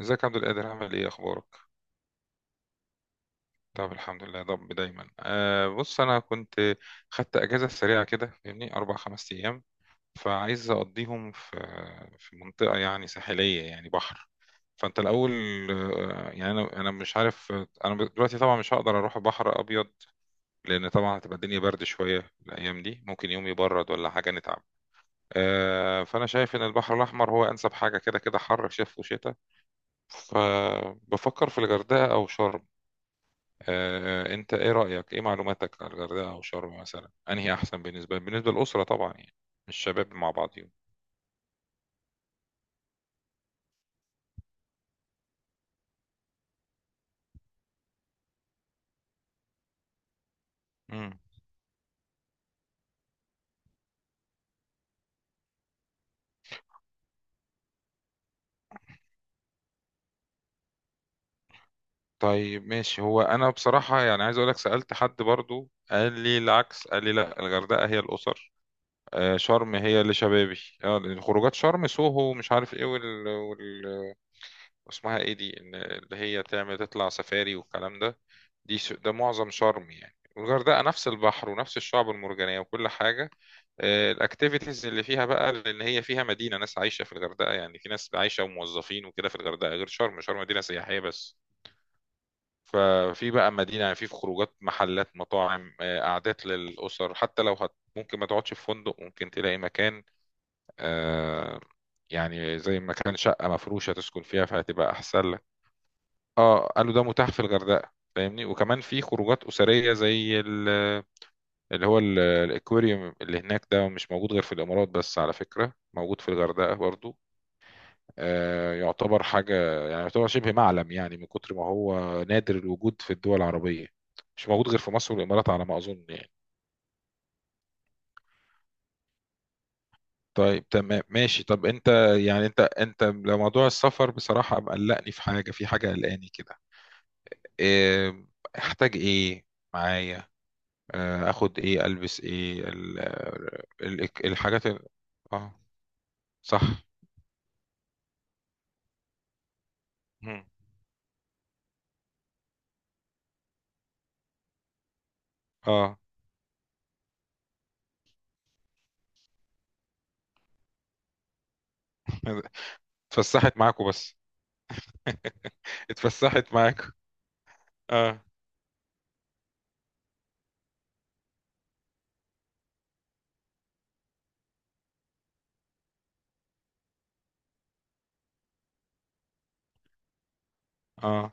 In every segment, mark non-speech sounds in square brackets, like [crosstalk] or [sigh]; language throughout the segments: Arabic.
ازيك يا عبد القادر؟ عامل ايه؟ اخبارك؟ طب الحمد لله يا رب دايما. بص انا كنت خدت اجازه سريعه كده، فاهمني، اربع خمس ايام، فعايز اقضيهم في منطقه يعني ساحليه، يعني بحر. فانت الاول يعني انا مش عارف. انا دلوقتي طبعا مش هقدر اروح بحر ابيض، لان طبعا هتبقى الدنيا برد شويه، الايام دي ممكن يوم يبرد ولا حاجه نتعب. فانا شايف ان البحر الاحمر هو انسب حاجه، كده كده حر شتاء وشتاء. فبفكر في الغردقه او شرم. انت ايه رأيك؟ ايه معلوماتك على الغردقة او شرم مثلا؟ انهي احسن بالنسبة للأسرة طبعا؟ يعني الشباب مع بعضهم. امم. طيب ماشي. هو انا بصراحة يعني عايز اقول لك، سألت حد برضو قال لي العكس، قال لي لا الغردقة هي الأسر، شرم هي اللي شبابي. لأن خروجات شرم سوهو، مش عارف ايه، اسمها ايه دي، ان اللي هي تعمل تطلع سفاري والكلام ده، دي ده معظم شرم يعني. والغردقه نفس البحر ونفس الشعب المرجانيه وكل حاجه، الاكتيفيتيز اللي فيها بقى، لان هي فيها مدينه، ناس عايشه في الغردقه، يعني في ناس عايشه وموظفين وكده في الغردقه، غير شرم. شرم مدينه سياحيه بس، ففي بقى مدينه يعني في خروجات، محلات، مطاعم، قعدات للاسر، حتى لو هت ممكن ما تقعدش في فندق ممكن تلاقي مكان، آه، يعني زي مكان شقه مفروشه تسكن فيها، فهتبقى احسن لك. اه قالوا ده متاح في الغردقه، فاهمني. وكمان في خروجات اسريه زي اللي هو الاكواريوم اللي هناك ده، مش موجود غير في الامارات بس، على فكره موجود في الغردقه برضو. آه يعتبر حاجه، يعني يعتبر شبه معلم، يعني من كتر ما هو نادر الوجود في الدول العربيه، مش موجود غير في مصر والامارات على ما اظن يعني. طيب تمام ماشي. طب انت يعني انت لو موضوع السفر، بصراحه مقلقني في حاجه، في حاجه قلقاني كده، إيه؟ احتاج ايه معايا؟ اخد ايه؟ البس ايه الحاجات اه؟ صح. مم. اه. [laughs] اتفسحت معاكوا بس. [laughs] اتفسحت معاكوا. اه اه.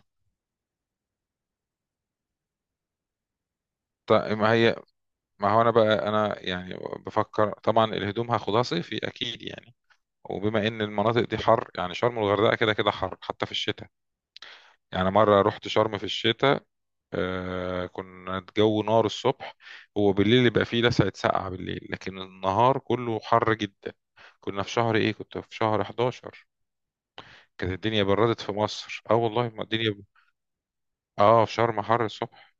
طيب، ما هي، ما هو انا بقى انا يعني بفكر طبعا الهدوم هاخدها صيفي اكيد يعني. وبما ان المناطق دي حر، يعني شرم والغردقه كده كده حر حتى في الشتاء. يعني مره رحت شرم في الشتاء، آه كنا الجو نار الصبح. هو بالليل يبقى فيه لسعة سقعة بالليل، لكن النهار كله حر جدا. كنا في شهر ايه؟ كنت في شهر 11، كانت الدنيا بردت في مصر، اه والله ما الدنيا. اه، في شرم حر الصبح.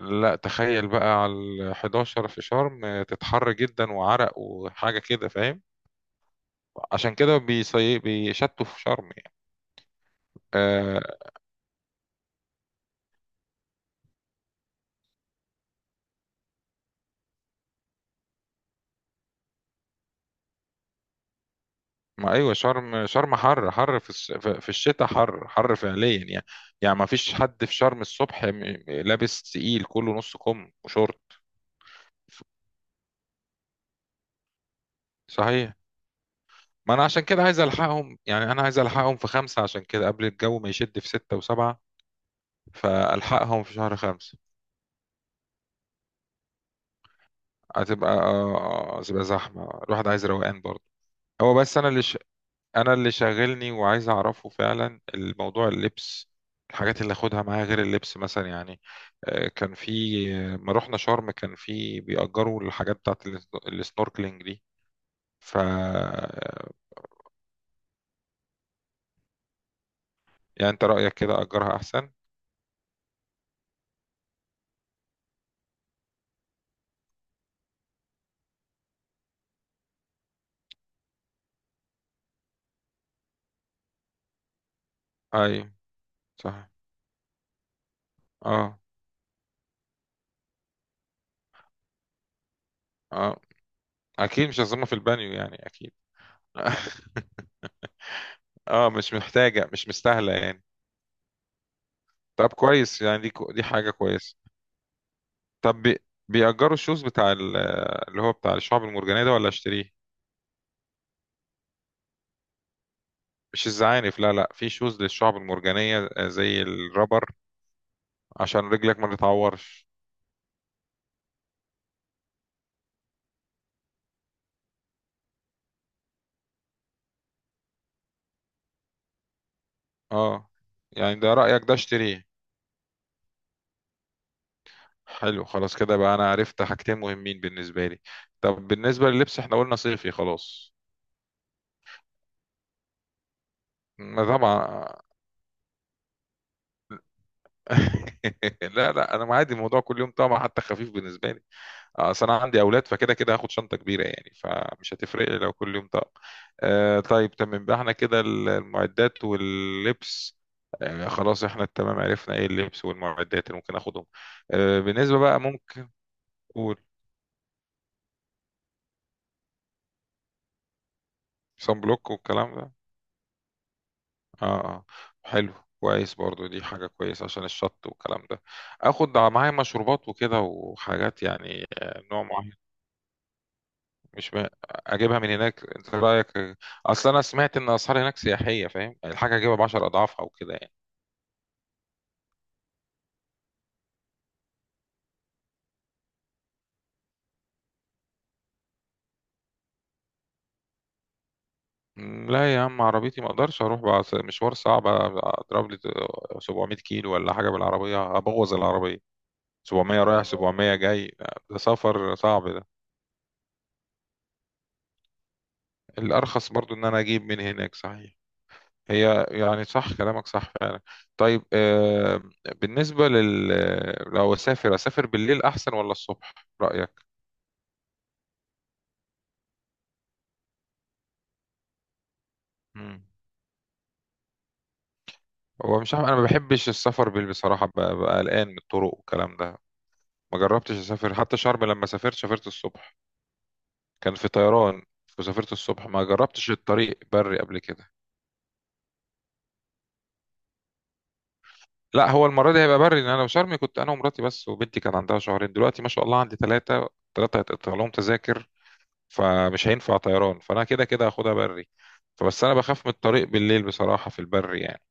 لا تخيل بقى على ال 11 في شرم تتحر جدا وعرق وحاجة كده، فاهم؟ عشان كده بيشتوا في شرم يعني. آه، ما ايوه شرم، شرم حر حر في في الشتاء حر حر فعليا يعني. يعني ما فيش حد في شرم الصبح لابس تقيل، كله نص كم وشورت. صحيح. ما انا عشان كده عايز الحقهم يعني، انا عايز الحقهم في خمسة، عشان كده قبل الجو ما يشد في ستة وسبعة، فالحقهم في شهر خمسة. هتبقى هتبقى زحمة، الواحد عايز روقان برضه. هو بس انا اللي، انا اللي شاغلني وعايز اعرفه فعلا، الموضوع اللبس، الحاجات اللي اخدها معايا غير اللبس مثلا يعني. كان في، ما رحنا شرم كان في بيأجروا الحاجات بتاعت السنوركلينج دي، ف يعني انت رأيك كده أجرها احسن. اي، صح، اه اه. اكيد مش هظلمها في البانيو يعني اكيد. [laughs] اه مش محتاجة، مش مستاهلة يعني. طب كويس، يعني دي حاجة كويسة. طب بيأجروا الشوز بتاع اللي هو بتاع الشعب المرجانية ده ولا اشتريه؟ مش الزعانف، لا لا، في شوز للشعب المرجانية زي الرابر، عشان رجلك ما تتعورش. اه، يعني ده رأيك ده؟ اشتريه؟ حلو خلاص، كده بقى انا عرفت حاجتين مهمين بالنسبة لي. طب بالنسبة لللبس احنا قلنا صيفي خلاص. ما طبعا. [laughs] لا لا، انا عادي الموضوع كل يوم طبعا، حتى خفيف بالنسبة لي. اصل انا عندي اولاد، فكده كده هاخد شنطه كبيره يعني، فمش هتفرق لي لو كل يوم طقم. آه، طيب تمام بقى احنا كده المعدات واللبس، آه خلاص احنا تمام. عرفنا ايه اللبس والمعدات اللي ممكن اخدهم. بالنسبه بقى ممكن نقول صن بلوك والكلام ده. اه اه، حلو، كويس. برضو دي حاجه كويسه عشان الشط والكلام ده. اخد معايا مشروبات وكده وحاجات، يعني نوع معين؟ مش م... اجيبها من هناك انت رايك؟ اصل انا سمعت ان اسعار هناك سياحيه، فاهم يعني، الحاجه اجيبها ب 10 اضعافها وكده يعني. لا يا عم، عربيتي ما اقدرش اروح بقى، مشوار صعب، اضرب لي 700 كيلو ولا حاجه بالعربيه، ابوظ العربيه. 700 رايح 700 جاي، ده سفر صعب ده. الارخص برضو ان انا اجيب من هناك صحيح. هي يعني صح كلامك، صح فعلا. طيب آه، بالنسبه لو اسافر، اسافر بالليل احسن ولا الصبح؟ رايك؟ مم. هو مش عارف، انا ما بحبش السفر بصراحه ببقى قلقان من الطرق والكلام ده. ما جربتش اسافر حتى شرم، لما سافرت سافرت الصبح، كان في طيران، وسافرت الصبح، ما جربتش الطريق بري قبل كده. لا هو المره دي هيبقى بري، لان انا وشرم كنت انا ومراتي بس، وبنتي كان عندها شهرين، دلوقتي ما شاء الله عندي ثلاثه، ثلاثه هيتقطع لهم تذاكر، فمش هينفع طيران، فانا كده كده هاخدها بري. فبس انا بخاف من الطريق بالليل بصراحه في البري يعني.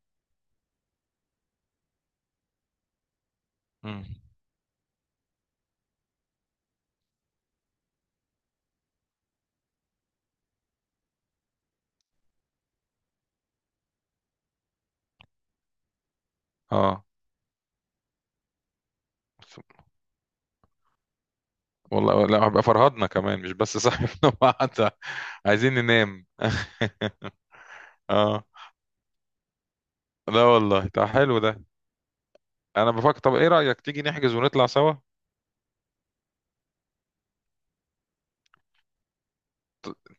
مم. اه، والله لا هبقى فرهدنا كمان مش بس صاحبنا. [laughs] وقعدنا عايزين ننام. [laughs] اه. لا والله ده حلو ده. انا بفكر، طب ايه رأيك تيجي نحجز ونطلع سوا؟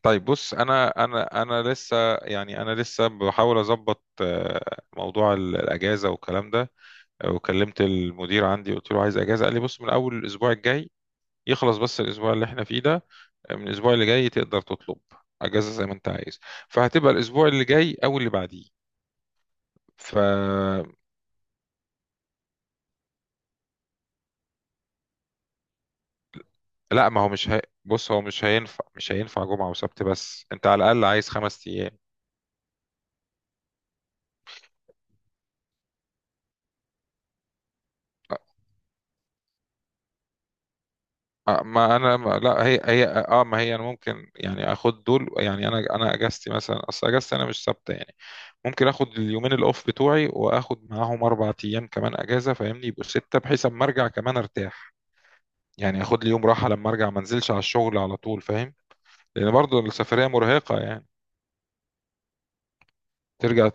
طيب بص انا، انا لسه يعني، انا لسه بحاول اظبط موضوع الاجازه والكلام ده. وكلمت المدير عندي، قلت له عايز اجازه، قال لي بص من اول الاسبوع الجاي، يخلص بس الاسبوع اللي احنا فيه ده، من الاسبوع اللي جاي تقدر تطلب اجازه زي ما انت عايز، فهتبقى الاسبوع اللي جاي او اللي بعديه. ف لا ما هو مش هي... بص هو مش هينفع، جمعة وسبت بس، انت على الأقل عايز خمس أيام. ما انا ما لا هي هي اه ما هي انا ممكن يعني اخد دول يعني، انا اجازتي مثلا، اصل اجازتي انا مش ثابته يعني، ممكن اخد اليومين الاوف بتوعي واخد معاهم اربع ايام كمان اجازه، فاهمني؟ يبقوا سته، بحيث اما ارجع كمان ارتاح. يعني اخد لي يوم راحه لما ارجع، ما انزلش على الشغل على طول، فاهم؟ لان برضو السفريه مرهقه يعني. ترجع.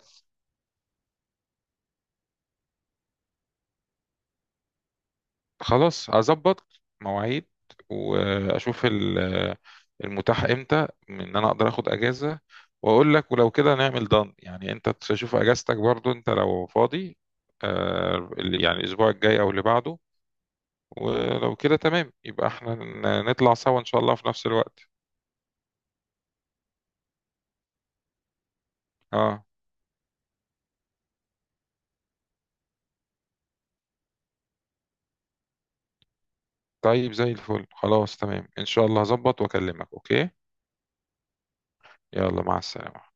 خلاص هظبط مواعيد واشوف المتاح امتى، ان انا اقدر اخد اجازه، واقول لك. ولو كده نعمل دان يعني انت تشوف اجازتك برضو انت لو فاضي، يعني الاسبوع الجاي او اللي بعده، ولو كده تمام يبقى احنا نطلع سوا ان شاء الله في نفس الوقت. اه طيب زي الفل، خلاص تمام، ان شاء الله هظبط واكلمك. اوكي، يلا مع السلامه.